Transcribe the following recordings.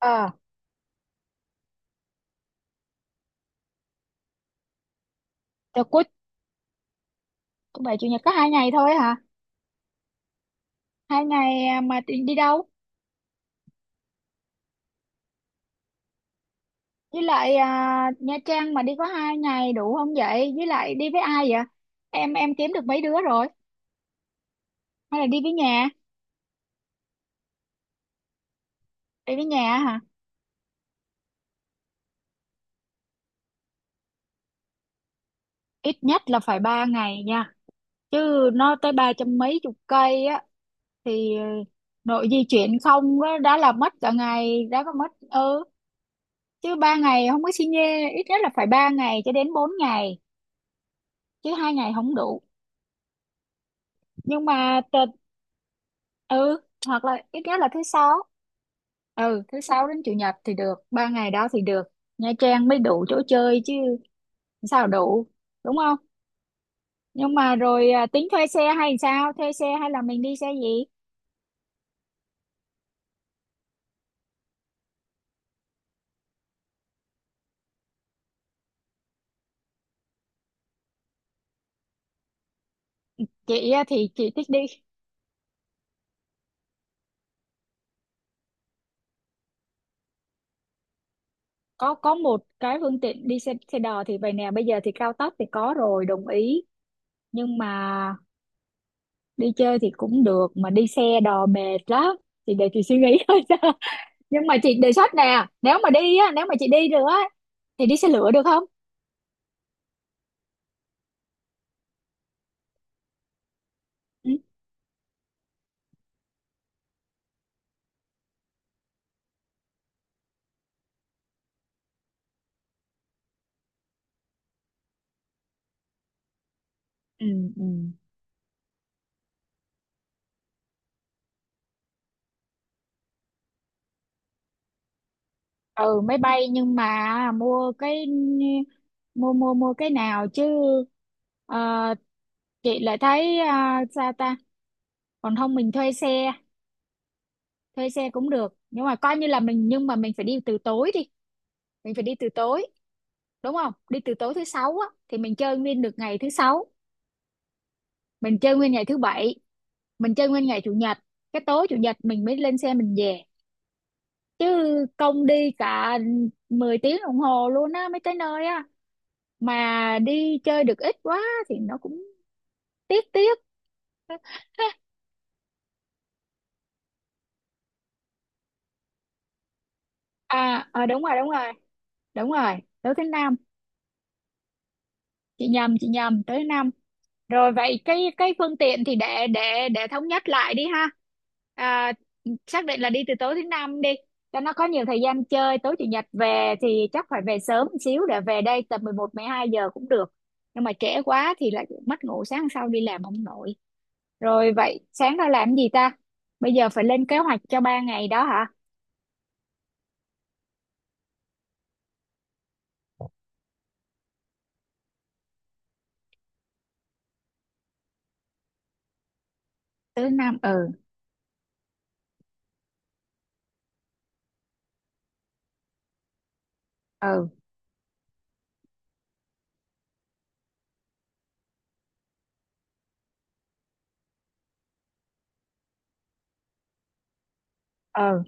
Ờ, rồi thứ bảy chủ nhật có hai ngày thôi hả? Hai ngày à, mà đi đâu? Với lại Nha Trang mà đi có hai ngày đủ không vậy, với lại đi với ai vậy? Em kiếm được mấy đứa rồi. Hay là đi với nhà? Đi với nhà hả? Ít nhất là phải ba ngày nha, chứ nó tới ba trăm mấy chục cây á, thì nội di chuyển không á, đã là mất cả ngày đã, có mất. Ừ, chứ ba ngày không có xi nhê, ít nhất là phải ba ngày cho đến bốn ngày, chứ hai ngày không đủ. Nhưng mà ừ, hoặc là ít nhất là thứ sáu. Ừ, thứ sáu đến chủ nhật thì được ba ngày đó thì được, Nha Trang mới đủ chỗ chơi chứ, sao đủ, đúng không? Nhưng mà rồi tính thuê xe hay sao, thuê xe hay là mình đi xe gì? Chị á thì chị thích đi, có một cái phương tiện đi xe xe đò thì vậy nè, bây giờ thì cao tốc thì có rồi, đồng ý, nhưng mà đi chơi thì cũng được mà đi xe đò mệt lắm, thì để chị suy nghĩ thôi. Nhưng mà chị đề xuất nè, nếu mà đi á, nếu mà chị đi được á thì đi xe lửa được không? Ừ. Ừ, ừ, ừ máy bay nhưng mà mua cái, mua mua mua cái nào chứ? ờ, chị lại thấy sao ta? Còn không mình thuê xe, thuê xe cũng được, nhưng mà coi như là mình, nhưng mà mình phải đi từ tối đi, mình phải đi từ tối, đúng không? Đi từ tối thứ sáu á thì mình chơi nguyên được ngày thứ sáu, mình chơi nguyên ngày thứ bảy, mình chơi nguyên ngày chủ nhật, cái tối chủ nhật mình mới lên xe mình về. Chứ công đi cả 10 tiếng đồng hồ luôn á mấy cái nơi á, mà đi chơi được ít quá, thì nó cũng tiếc, tiếc. Đúng rồi, đúng rồi. Đúng rồi, tới thứ năm. Chị nhầm, tới thứ năm. Rồi vậy cái phương tiện thì để thống nhất lại đi ha. à, Xác định là đi từ tối thứ năm đi, cho nó có nhiều thời gian chơi, tối chủ nhật về thì chắc phải về sớm một xíu để về đây tầm 11 hai giờ cũng được, nhưng mà trễ quá thì lại mất ngủ sáng sau đi làm không nổi. Rồi vậy sáng ra làm gì ta? Bây giờ phải lên kế hoạch cho ba ngày đó hả? Thứ năm, ừ. Ừ, ừ,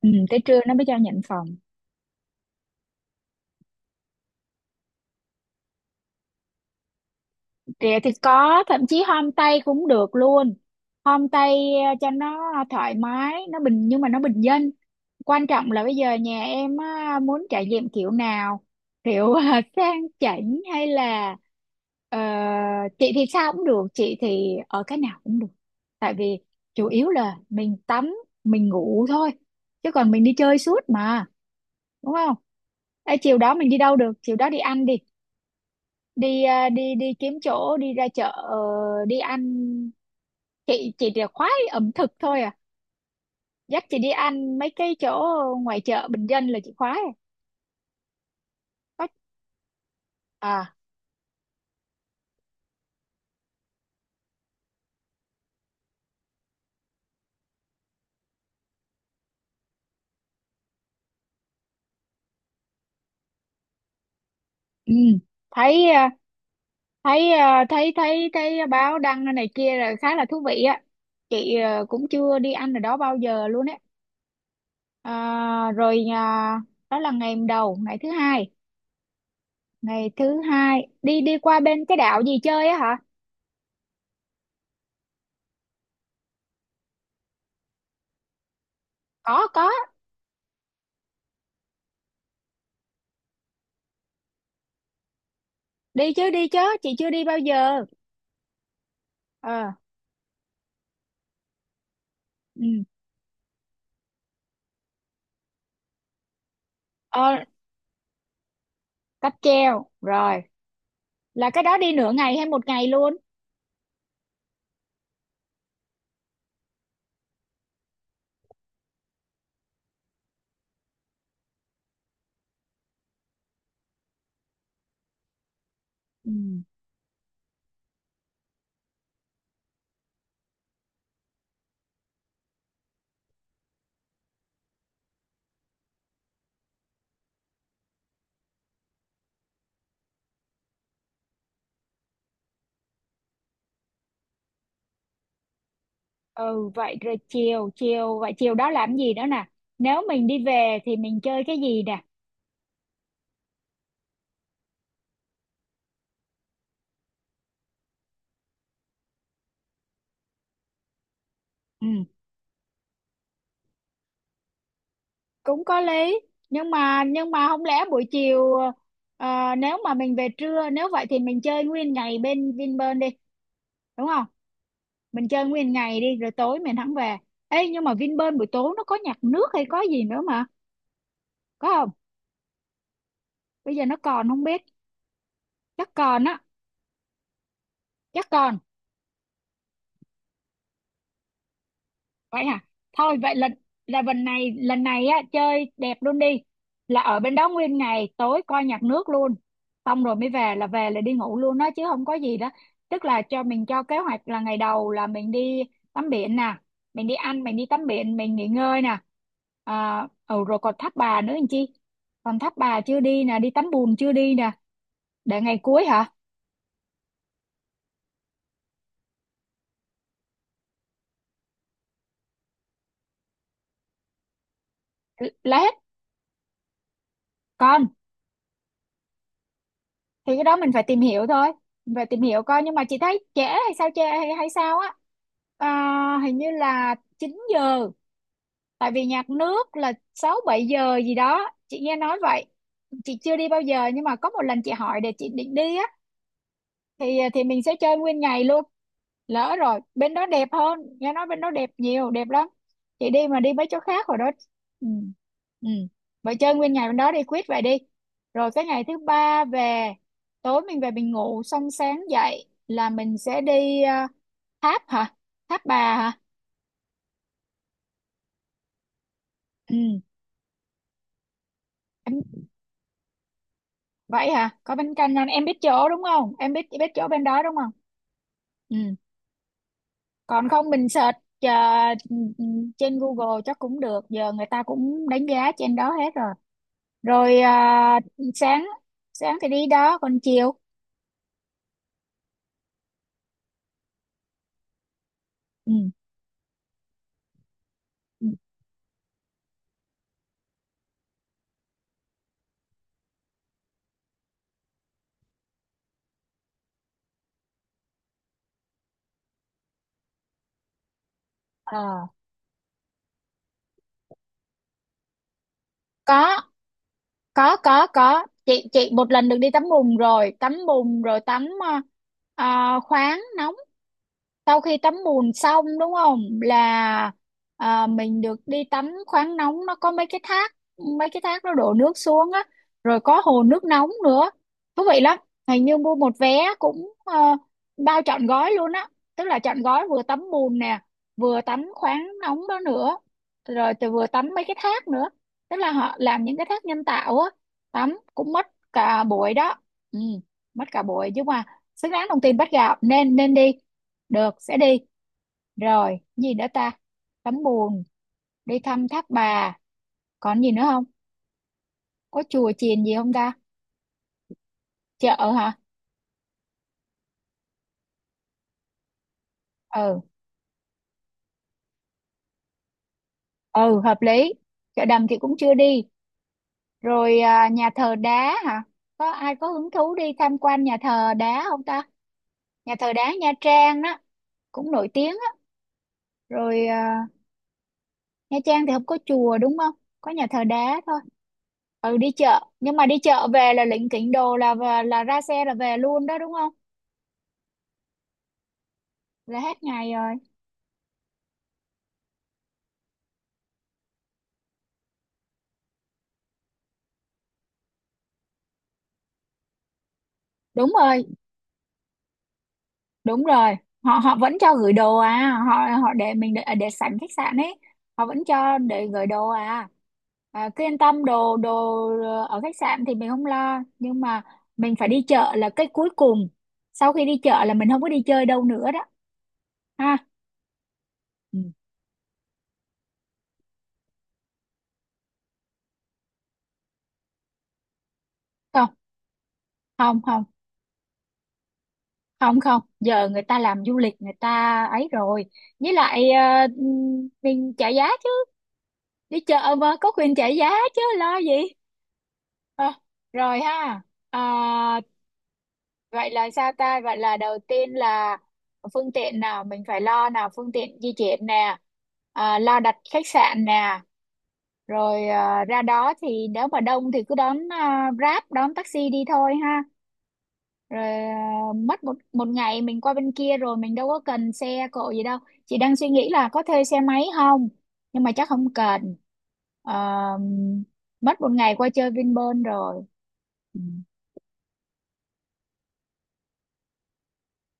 ừ tới trưa nó mới cho nhận phòng. Rẻ thì có, thậm chí homestay cũng được luôn, homestay cho nó thoải mái, nó bình, nhưng mà nó bình dân. Quan trọng là bây giờ nhà em á, muốn trải nghiệm kiểu nào, kiểu sang chảnh hay là ờ, chị thì sao cũng được, chị thì ở cái nào cũng được, tại vì chủ yếu là mình tắm, mình ngủ thôi, chứ còn mình đi chơi suốt mà, đúng không? Ê, chiều đó mình đi đâu được, chiều đó đi ăn đi, đi đi kiếm chỗ, đi ra chợ, đi ăn. Chị chỉ khoái ẩm thực thôi à, dắt chị đi ăn mấy cái chỗ ngoài chợ bình dân là chị khoái à. Có- à, ừ. Thấy thấy thấy báo đăng này kia là khá là thú vị á, chị cũng chưa đi ăn ở đó bao giờ luôn á. Rồi đó là ngày đầu. Ngày thứ hai, ngày thứ hai đi đi qua bên cái đảo gì chơi á hả? Có, đi chứ, đi chứ, chị chưa đi bao giờ. Ờ, ừ. Ờ, cáp treo rồi, là cái đó đi nửa ngày hay một ngày luôn? Ừ. Ừ, vậy rồi chiều, chiều vậy chiều đó làm gì nữa nè? Nếu mình đi về thì mình chơi cái gì nè? Ừ, cũng có lý. Nhưng mà, nhưng mà không lẽ buổi chiều, nếu mà mình về trưa, nếu vậy thì mình chơi nguyên ngày bên Vinpearl đi, đúng không? Mình chơi nguyên ngày đi, rồi tối mình hẳn về. Ê nhưng mà Vinpearl buổi tối nó có nhạc nước hay có gì nữa mà, có không? Bây giờ nó còn không biết, chắc còn á, chắc còn. Vậy hả? Thôi vậy lần, là lần này, lần này á chơi đẹp luôn đi, là ở bên đó nguyên ngày, tối coi nhạc nước luôn, xong rồi mới về, là về là đi ngủ luôn đó, chứ không có gì đó. Tức là cho mình, cho kế hoạch là ngày đầu là mình đi tắm biển nè, mình đi ăn, mình đi tắm biển, mình nghỉ ngơi nè. Rồi còn Tháp Bà nữa anh chi, còn Tháp Bà chưa đi nè, đi tắm bùn chưa đi nè, để ngày cuối hả? Là hết. Còn thì cái đó mình phải tìm hiểu thôi, mình phải tìm hiểu coi, nhưng mà chị thấy trễ hay sao, hay sao á? Hình như là 9 giờ, tại vì nhạc nước là 6 7 giờ gì đó chị nghe nói vậy, chị chưa đi bao giờ nhưng mà có một lần chị hỏi để chị định đi á, thì thì mình sẽ chơi nguyên ngày luôn. Lỡ rồi bên đó đẹp hơn, nghe nói bên đó đẹp nhiều, đẹp lắm, chị đi mà đi mấy chỗ khác rồi đó. Ừ. Ừ, vậy chơi nguyên ngày bên đó đi, quyết vậy đi. Rồi cái ngày thứ ba về, tối mình về mình ngủ xong, sáng dậy là mình sẽ đi, tháp hả, tháp bà hả? Ừ, em, vậy hả? Có bánh canh ngon em biết chỗ đúng không, em biết biết chỗ bên đó đúng không? Ừ, còn không mình search ờ, trên Google chắc cũng được, giờ người ta cũng đánh giá trên đó hết rồi. Rồi sáng, sáng thì đi đó, còn chiều. Ừ. Ừ. Ờ, có có, chị một lần được đi tắm bùn rồi, tắm bùn rồi tắm khoáng nóng. Sau khi tắm bùn xong đúng không, là mình được đi tắm khoáng nóng, nó có mấy cái thác, mấy cái thác nó đổ nước xuống á, rồi có hồ nước nóng nữa, thú vị lắm. Hình như mua một vé cũng bao trọn gói luôn á, tức là trọn gói vừa tắm bùn nè, vừa tắm khoáng nóng đó nữa, rồi từ vừa tắm mấy cái thác nữa, tức là họ làm những cái thác nhân tạo á, tắm cũng mất cả buổi đó. Ừ, mất cả buổi nhưng mà xứng đáng đồng tiền bắt gạo, nên nên đi được, sẽ đi. Rồi, gì nữa ta? Tắm bùn, đi thăm thác bà. Còn gì nữa không? Có chùa chiền gì không ta? Chợ hả? Ừ, ừ, hợp lý. Chợ đầm thì cũng chưa đi. Rồi nhà thờ đá hả? Có ai có hứng thú đi tham quan nhà thờ đá không ta? Nhà thờ đá Nha Trang đó, cũng nổi tiếng á. Rồi Nha Trang thì không có chùa đúng không? Có nhà thờ đá thôi. Ừ, đi chợ. Nhưng mà đi chợ về là lỉnh kỉnh đồ, là ra xe là về luôn đó đúng không? Là hết ngày rồi. Đúng rồi, đúng rồi, họ họ vẫn cho gửi đồ à, họ, họ để mình để sẵn khách sạn ấy, họ vẫn cho để gửi đồ, à cứ yên tâm đồ, ở khách sạn thì mình không lo, nhưng mà mình phải đi chợ là cái cuối cùng, sau khi đi chợ là mình không có đi chơi đâu nữa đó ha. Ừ. Không, không, không, không, không giờ người ta làm du lịch, người ta ấy rồi, với lại mình trả giá chứ, đi chợ mà có quyền trả giá chứ lo gì. Ờ, rồi ha. à, Vậy là sao ta, vậy là đầu tiên là phương tiện nào mình phải lo nào, phương tiện di chuyển nè, lo đặt khách sạn nè, rồi ra đó thì nếu mà đông thì cứ đón Grab, đón taxi đi thôi ha. Rồi mất một một ngày mình qua bên kia rồi mình đâu có cần xe cộ gì đâu, chị đang suy nghĩ là có thuê xe máy không, nhưng mà chắc không cần. Ờ, mất một ngày qua chơi Vinpearl rồi. Ừ.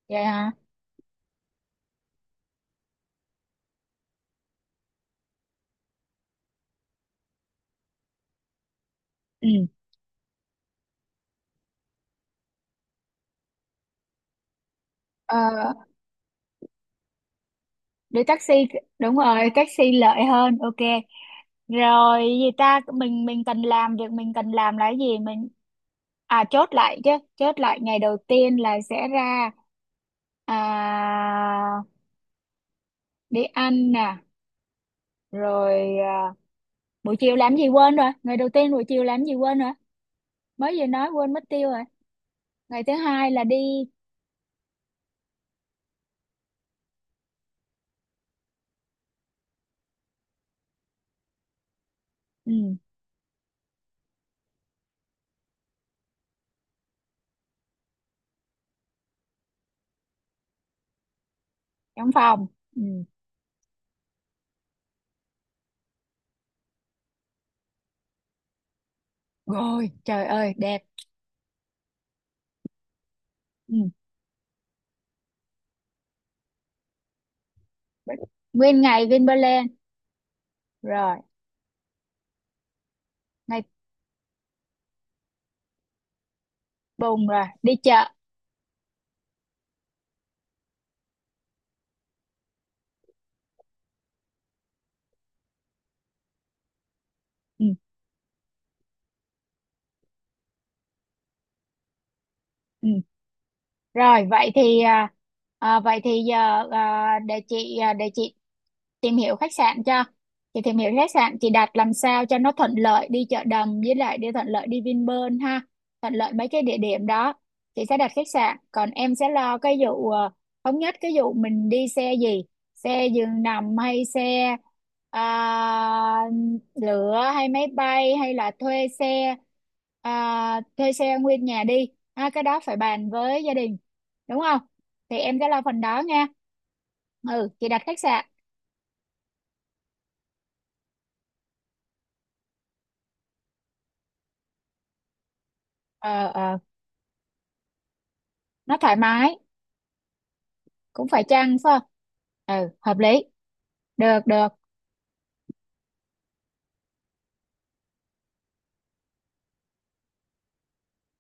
Vậy hả? Ừ. Ờ, đi taxi, đúng rồi taxi lợi hơn, ok. Rồi gì ta, mình cần làm việc mình cần làm là cái gì mình, à chốt lại chứ, chốt lại ngày đầu tiên là sẽ ra, à, đi ăn nè, rồi buổi chiều làm gì quên rồi, ngày đầu tiên buổi chiều làm gì quên rồi, mới vừa nói quên mất tiêu rồi, ngày thứ hai là đi. Ừ, trong phòng. Ừ. Rồi trời ơi đẹp. Ừ. Nguyên ngày Vinpearl. Rồi ngày buồn rồi đi chợ. Ừ, ừ. Rồi vậy thì vậy thì giờ, để chị, để chị tìm hiểu khách sạn cho, chị tìm hiểu khách sạn chị đặt làm sao cho nó thuận lợi đi chợ đầm, với lại đi thuận lợi đi Vinpearl ha, thuận lợi mấy cái địa điểm đó. Chị sẽ đặt khách sạn, còn em sẽ lo cái vụ thống nhất cái vụ mình đi xe gì, xe giường nằm hay xe à, lửa hay máy bay hay là thuê xe. Thuê xe nguyên nhà đi ha, cái đó phải bàn với gia đình đúng không, thì em sẽ lo phần đó nha. Ừ, chị đặt khách sạn. Ờ, ờ, nó thoải mái, cũng phải chăng phải không. Ừ, hợp lý, được, được.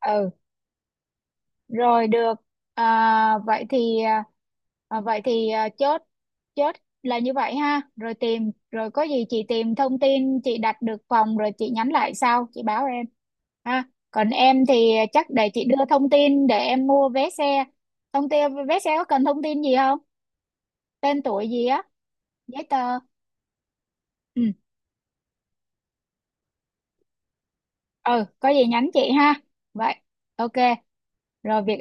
Ừ, rồi được. Vậy thì vậy thì chốt, chốt là như vậy ha. Rồi tìm, rồi có gì chị tìm thông tin chị đặt được phòng rồi chị nhắn lại sau chị báo em ha. Còn em thì chắc để chị đưa thông tin để em mua vé xe, thông tin vé xe có cần thông tin gì không, tên tuổi gì á, giấy tờ. Ừ, ừ, có gì nhắn chị ha. Vậy, ok. Rồi việc